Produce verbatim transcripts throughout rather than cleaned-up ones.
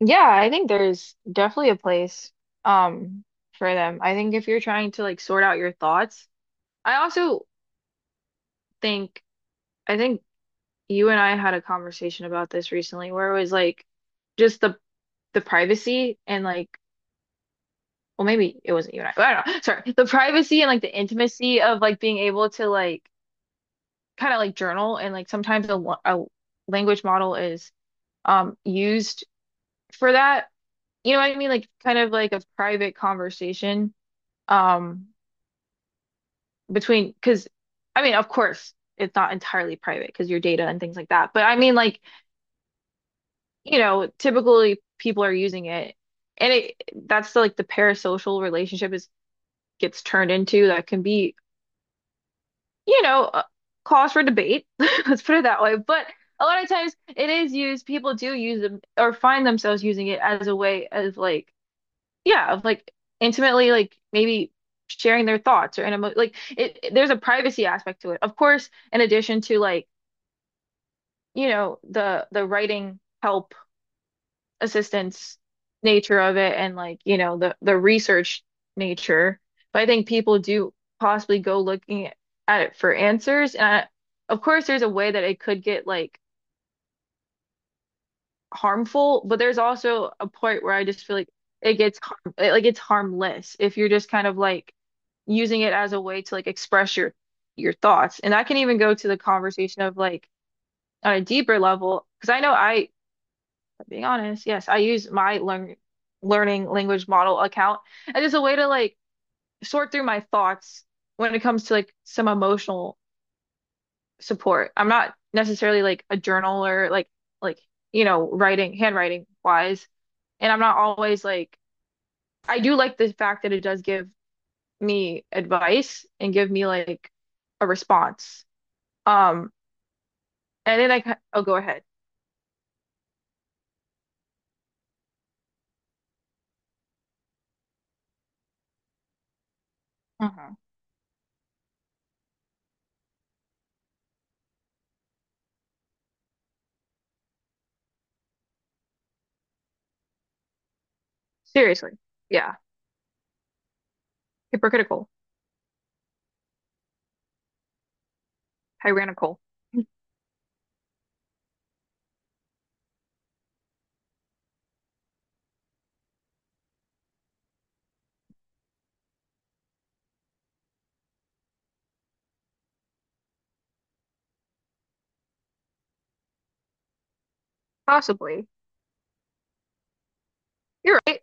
Yeah, I think there's definitely a place um for them. I think if you're trying to like sort out your thoughts, I also think I think you and I had a conversation about this recently where it was like just the the privacy and like well maybe it wasn't you and I, but I don't know. Sorry. The privacy and like the intimacy of like being able to like kind of like journal and like sometimes a, lo- a language model is um used for that. You know what I mean? Like kind of like a private conversation. Um between because I mean, of course, it's not entirely private because your data and things like that. But I mean, like, you know, typically people are using it, and it that's like the parasocial relationship is gets turned into that can be, you know, a cause for debate. Let's put it that way. But a lot of times it is used, people do use them or find themselves using it as a way of like, yeah, of like intimately, like maybe sharing their thoughts or in a like it, there's a privacy aspect to it. Of course, in addition to like you know, the the writing help assistance nature of it and like, you know, the the research nature. But I think people do possibly go looking at it for answers. And I, of course there's a way that it could get like harmful, but there's also a point where I just feel like it gets harm it, like it's harmless if you're just kind of like using it as a way to like express your your thoughts. And I can even go to the conversation of like on a deeper level, because I know I being honest, yes, I use my learn learning language model account as just a way to like sort through my thoughts when it comes to like some emotional support. I'm not necessarily like a journaler, like like you know, writing, handwriting wise, and I'm not always like I do like the fact that it does give me advice and give me like a response. Um, and then I I'll go ahead. Mhm. Seriously, yeah, hypocritical, tyrannical, possibly. You're right.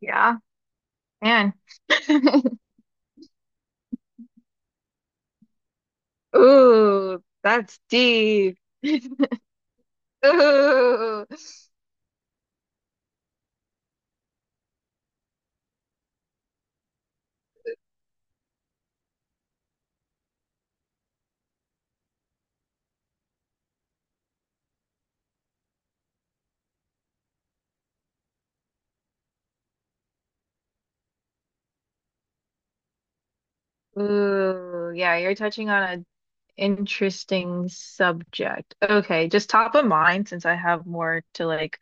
Yeah, man. Ooh, that's deep. Ooh, ooh, yeah, you're touching on an interesting subject. Okay, just top of mind since I have more to like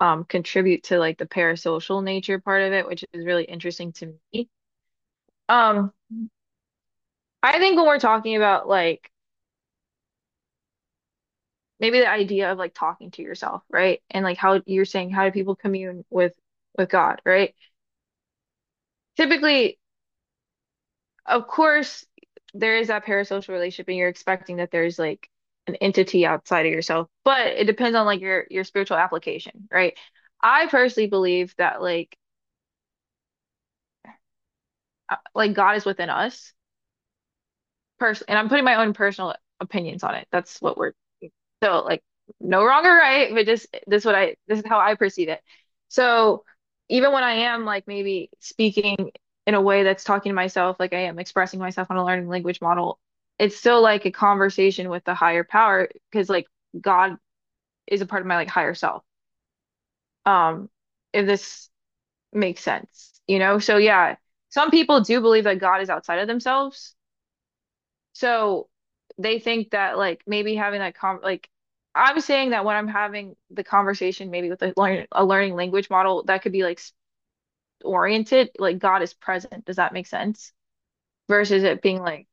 um contribute to like the parasocial nature part of it, which is really interesting to me. Um, I think when we're talking about like maybe the idea of like talking to yourself, right? And like how you're saying how do people commune with with God, right? Typically of course, there is that parasocial relationship, and you're expecting that there's like an entity outside of yourself, but it depends on like your your spiritual application, right? I personally believe that like uh, like God is within us, person and I'm putting my own personal opinions on it. That's what we're so like no wrong or right, but just this is what I this is how I perceive it. So even when I am like maybe speaking in a way that's talking to myself, like I am expressing myself on a learning language model, it's still like a conversation with the higher power because like God is a part of my like higher self. Um, if this makes sense, you know? So yeah, some people do believe that God is outside of themselves so they think that like maybe having that con like I'm saying that when I'm having the conversation maybe with a learn a learning language model that could be like s- oriented like God is present. Does that make sense? Versus it being like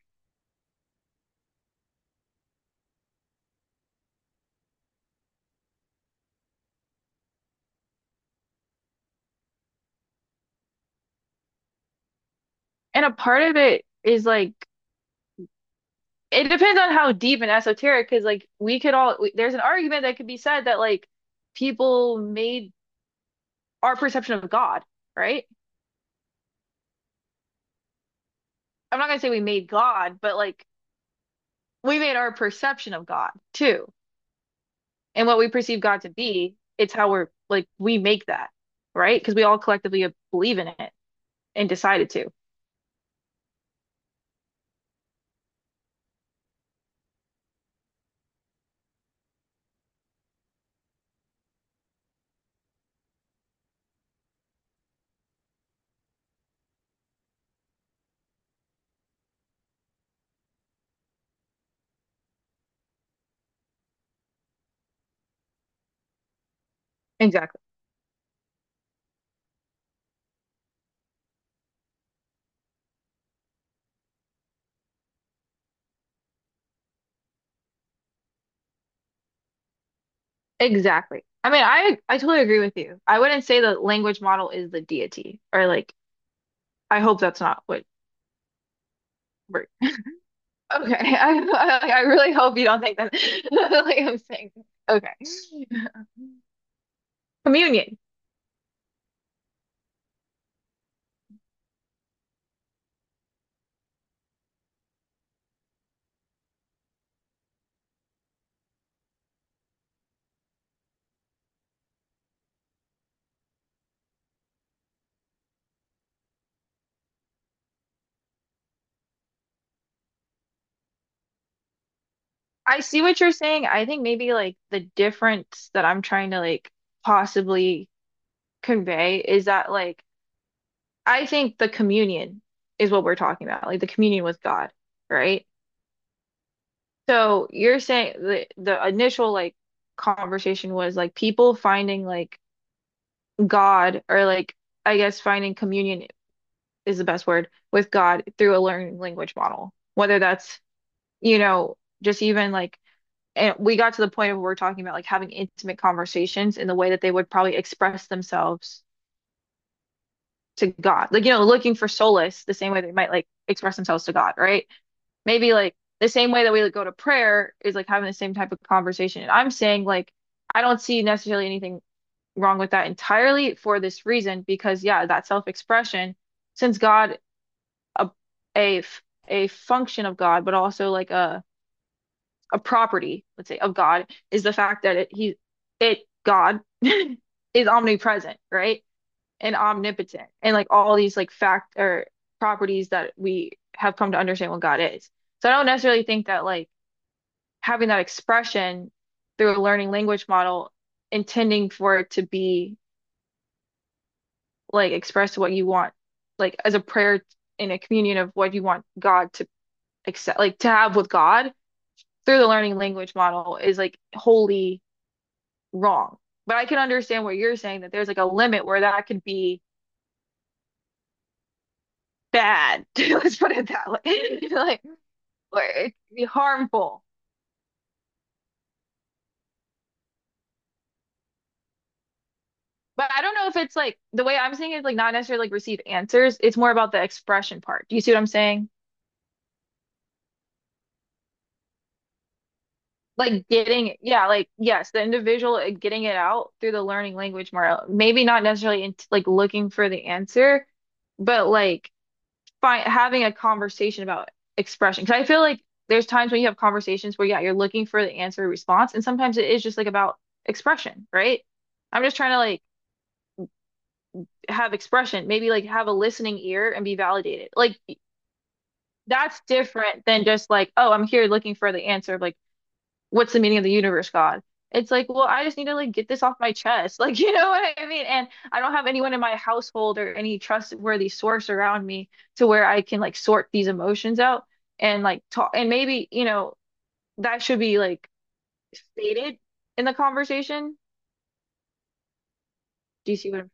and a part of it is like it depends on how deep and esoteric because like we could all we, there's an argument that could be said that like people made our perception of God, right? I'm not gonna say we made God, but like we made our perception of God too. And what we perceive God to be, it's how we're like we make that, right? Because we all collectively believe in it and decided to. Exactly. Exactly. I mean, I I totally agree with you. I wouldn't say the language model is the deity, or like I hope that's not what we're. Okay, I I, I really hope you don't think that like I'm saying. Okay, communion. I see what you're saying. I think maybe like the difference that I'm trying to like possibly convey is that like I think the communion is what we're talking about, like the communion with God, right? So you're saying the the initial like conversation was like people finding like God or like I guess finding communion is the best word with God through a learning language model. Whether that's, you know, just even like and we got to the point of where we're talking about like having intimate conversations in the way that they would probably express themselves to God. Like, you know, looking for solace the same way they might like express themselves to God, right? Maybe like the same way that we like, go to prayer is like having the same type of conversation. And I'm saying like I don't see necessarily anything wrong with that entirely for this reason because yeah, that self-expression, since God a a a function of God, but also like a a property, let's say, of God is the fact that it he it God is omnipresent, right? And omnipotent and like all these like fact or properties that we have come to understand what God is. So I don't necessarily think that like having that expression through a learning language model, intending for it to be like express what you want, like as a prayer in a communion of what you want God to accept, like to have with God through the learning language model is like wholly wrong. But I can understand what you're saying that there's like a limit where that could be bad. Let's put it that way. Like, or it could be harmful. But I don't know if it's like the way I'm saying it, like not necessarily like receive answers. It's more about the expression part. Do you see what I'm saying? Like getting yeah like yes the individual uh, getting it out through the learning language more uh, maybe not necessarily in, like looking for the answer but like find having a conversation about expression because I feel like there's times when you have conversations where yeah you're looking for the answer or response and sometimes it is just like about expression right I'm just trying to like have expression maybe like have a listening ear and be validated like that's different than just like oh I'm here looking for the answer of like what's the meaning of the universe, God? It's like, well, I just need to like get this off my chest. Like, you know what I mean? And I don't have anyone in my household or any trustworthy source around me to where I can like sort these emotions out and like talk. And maybe, you know, that should be like stated in the conversation. Do you see what I'm?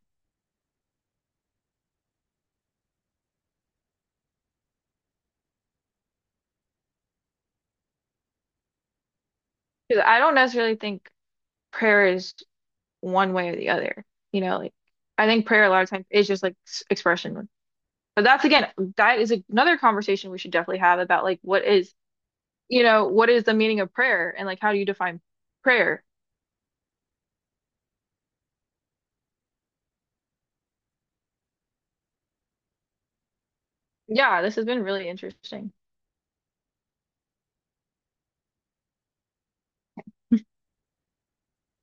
Because I don't necessarily think prayer is one way or the other. You know, like I think prayer a lot of times is just like s- expression. But that's again, that is another conversation we should definitely have about like what is you know, what is the meaning of prayer and like how do you define prayer? Yeah, this has been really interesting.